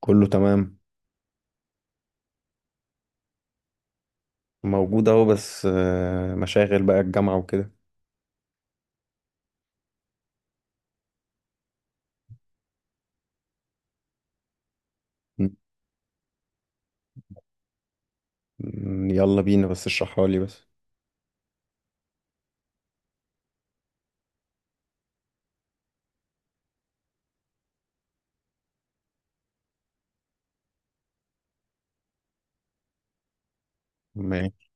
كله تمام. موجود اهو، بس مشاغل بقى الجامعة وكده. م- يلا بينا، بس اشرحها لي بس. ماشي.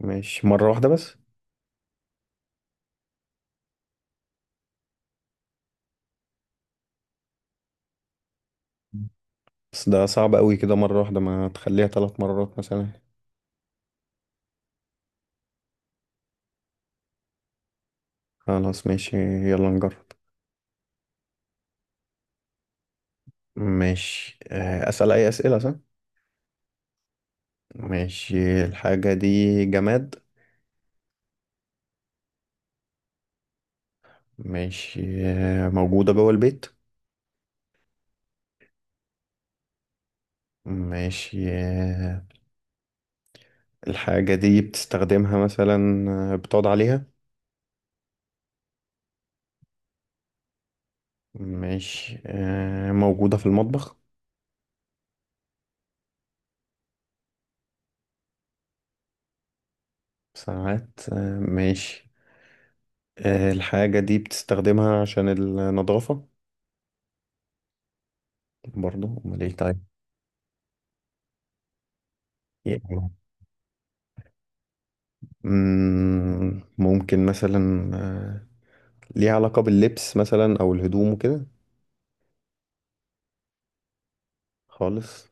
ماشي، مرة واحدة بس. بس ده صعب قوي كده، مرة واحدة. ما تخليها 3 مرات مثلا. خلاص، ماشي. يلا نجرب. ماشي. أسأل أي أسئلة، صح؟ ماشي. الحاجة دي جماد؟ ماشي. موجودة جوه البيت؟ ماشي. الحاجة دي بتستخدمها مثلا؟ بتقعد عليها؟ ماشي. موجودة في المطبخ؟ ساعات. ماشي. الحاجة دي بتستخدمها عشان النظافة؟ برضو؟ أمال إيه طيب؟ يعني، ممكن مثلا ليها علاقة باللبس مثلا أو الهدوم وكده؟ خالص.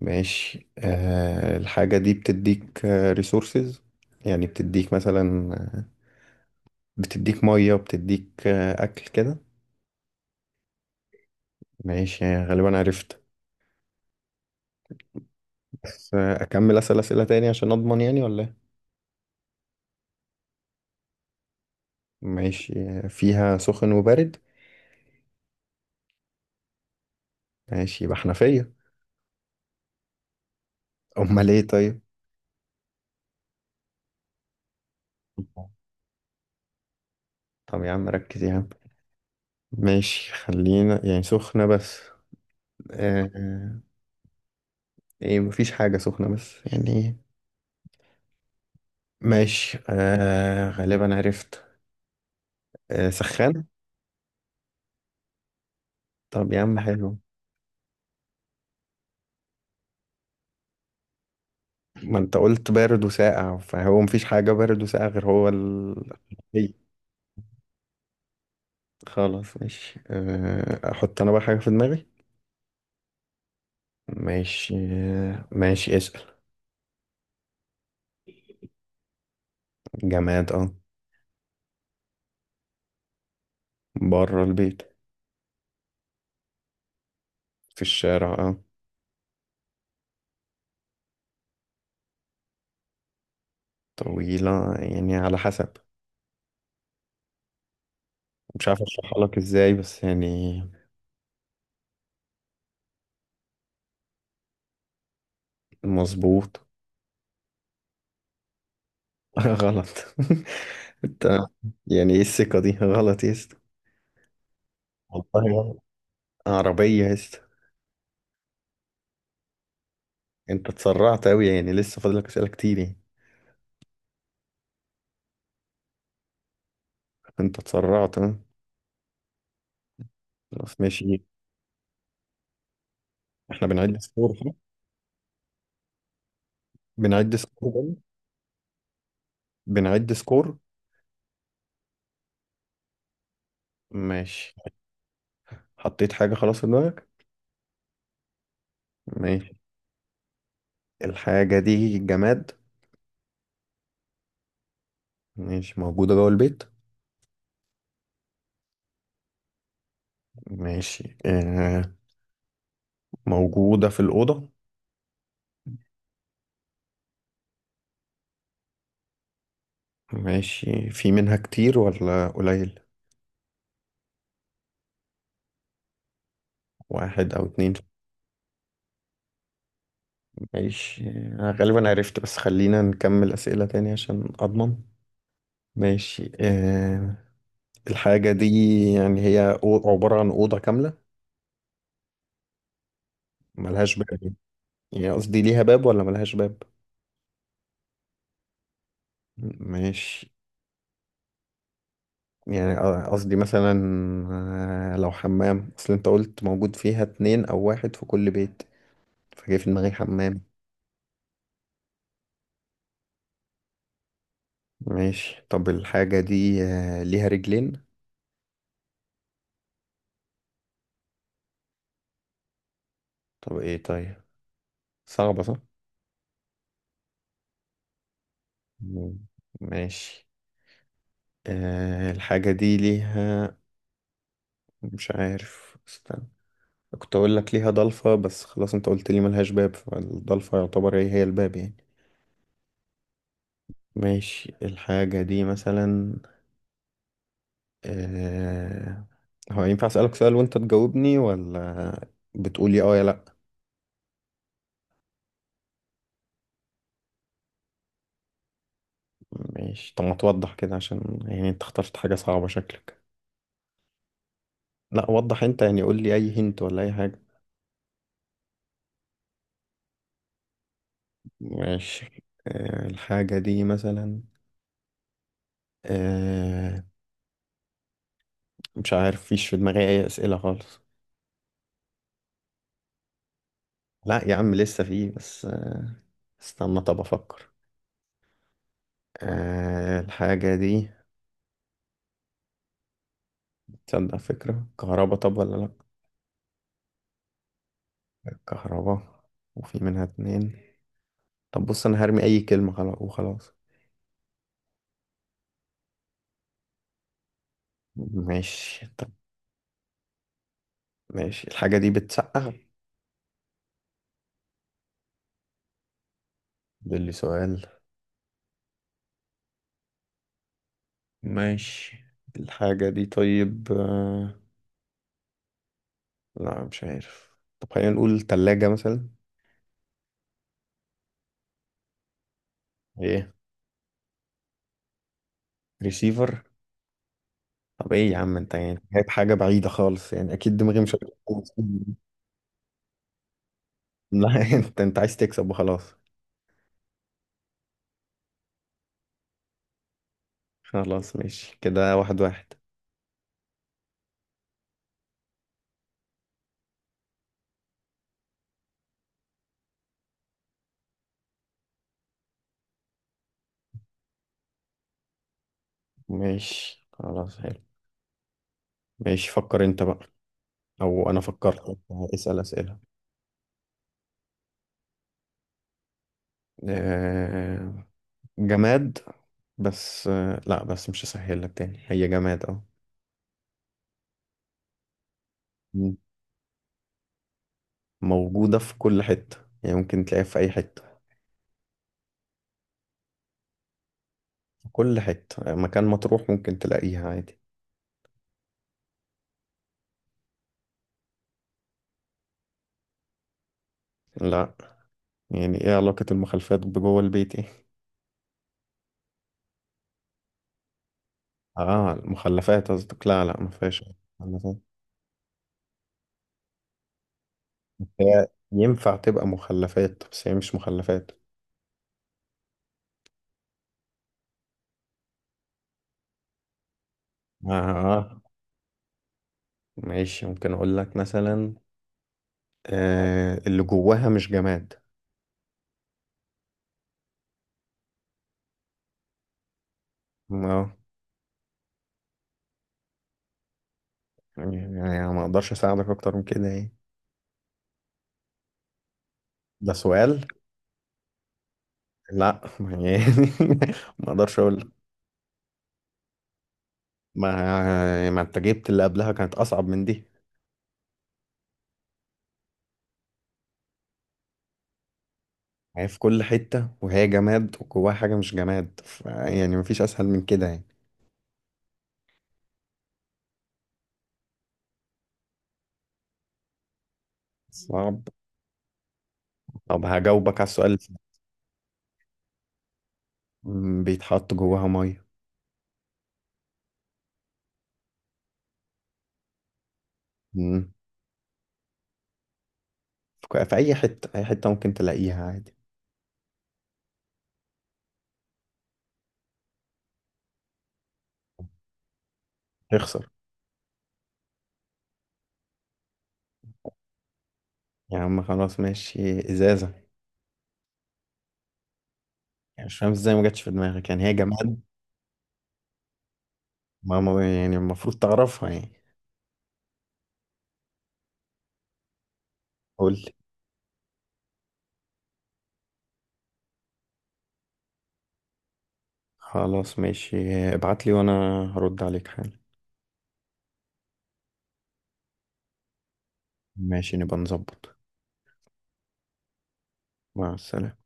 ماشي. الحاجة دي بتديك ريسورسز، يعني بتديك مثلا، بتديك مية، بتديك أكل كده؟ ماشي، يعني غالبا عرفت. بس أكمل أسأل أسئلة تاني عشان أضمن، يعني ولا إيه؟ ماشي. فيها سخن وبرد؟ ماشي، يبقى حنفية. أمال إيه طيب؟ طب يا عم، ركز يا عم. ماشي، خلينا يعني سخنة بس. آه آه، إيه، مفيش حاجة سخنة بس، يعني إيه. ماشي، غالبا عرفت. سخان. طب يا عم حلو. ما أنت قلت بارد وساقع، فهو مفيش حاجة بارد وساقع غير هو ال. هي. خلاص، ماشي. أحط أنا بقى حاجة في دماغي. ماشي. ماشي، اسأل. جماد، اه. بره البيت. في الشارع، اه. طويلة يعني على حسب. مش عارف اشرحها لك ازاي، بس يعني. مظبوط. غلط. انت، يعني ايه الثقة دي؟ غلط يا اسطى. والله غلط. عربية يا اسطى. انت اتسرعت اوي، يعني لسه فاضلك اسئلة كتير يعني. انت اتسرعت، اه. خلاص، ماشي. احنا بنعد سكور، صح؟ بنعد سكور بقى؟ بنعد سكور. ماشي. حطيت حاجة خلاص في دماغك؟ ماشي. الحاجة دي جماد؟ ماشي. موجودة جوه البيت؟ ماشي. موجودة في الأوضة؟ ماشي. في منها كتير ولا قليل؟ واحد أو اتنين. ماشي. أنا غالبا عرفت، بس خلينا نكمل أسئلة تاني عشان أضمن. ماشي. الحاجة دي يعني هي عبارة عن أوضة كاملة؟ ملهاش باب؟ يعني قصدي، ليها باب ولا ملهاش باب؟ ماشي. يعني قصدي مثلا لو حمام، أصل أنت قلت موجود فيها اتنين أو واحد في كل بيت، فجاي في دماغي حمام. ماشي. طب الحاجة دي ليها رجلين؟ طب ايه طيب؟ صعبة، صح؟ مم. ماشي. الحاجة دي ليها، مش عارف، استنى. كنت اقول لك ليها ضلفة، بس خلاص انت قلت لي ملهاش باب، فالضلفة يعتبر هي هي الباب يعني. ماشي. الحاجة دي مثلا آه هو ينفع اسألك سؤال وانت تجاوبني؟ ولا بتقولي اه يا لا؟ ماشي. طب ما توضح كده عشان يعني انت اخترت حاجة صعبة شكلك. لا، وضح انت، يعني قول لي اي هنت ولا اي حاجة. ماشي. الحاجة دي مثلا. آه، مش عارف، فيش في دماغي اي اسئلة خالص. لا يا عم، لسه في، بس استنى، طب افكر. الحاجة دي تصدق، فكرة كهربا، طب ولا لا؟ كهربا. وفي منها اتنين؟ طب بص، انا هرمي اي كلمة خلاص وخلاص. ماشي. طب. ماشي. الحاجة دي بتسقع؟ ده اللي سؤال؟ ماشي. الحاجة دي طيب لا، مش عارف. طب خلينا نقول تلاجة مثلا. ايه. ريسيفر؟ طب ايه يا عم؟ انت يعني جايب حاجة بعيدة خالص، يعني اكيد دماغي مش هتبقى. لا. انت عايز تكسب وخلاص. خلاص، ماشي. كده واحد واحد. ماشي. خلاص. حلو. ماشي، فكر انت بقى. او انا فكرت. اسأل اسئلة. آه، جماد. بس لا بس مش هسهل لك تاني. هي جماد، اه. مم. موجودة في كل حتة، يعني ممكن تلاقيها في اي حتة. كل حتة، مكان ما تروح ممكن تلاقيها عادي. لا. يعني ايه علاقة المخلفات بجوه البيت، ايه؟ اه، المخلفات قصدك؟ لا، لا، ما فيهاش. مخلفات. هي ينفع تبقى مخلفات، بس هي مش مخلفات. اه. ماشي. ممكن اقول لك مثلا، اللي جواها مش جماد. اه. يعني ما اقدرش اساعدك اكتر من كده، ايه. ده سؤال؟ لا يعني. ما اقدرش اقول. ما انت جبت اللي قبلها كانت اصعب من دي. هي في كل حتة، وهي جماد وجواها حاجة مش جماد، يعني مفيش أسهل من كده يعني. صعب. طب هجاوبك على السؤال اللي فات. بيتحط جواها مية. مم، في أي حتة، أي حتة ممكن تلاقيها عادي. تخسر. يا عم خلاص، ماشي. إزازة. يعني مش فاهم إزاي ما جاتش في دماغك، يعني هي جماد. يعني المفروض تعرفها يعني. قول لي. خلاص، ماشي. ابعت لي وأنا هرد عليك حالا. ماشي، نبقى نظبط. مع السلامة.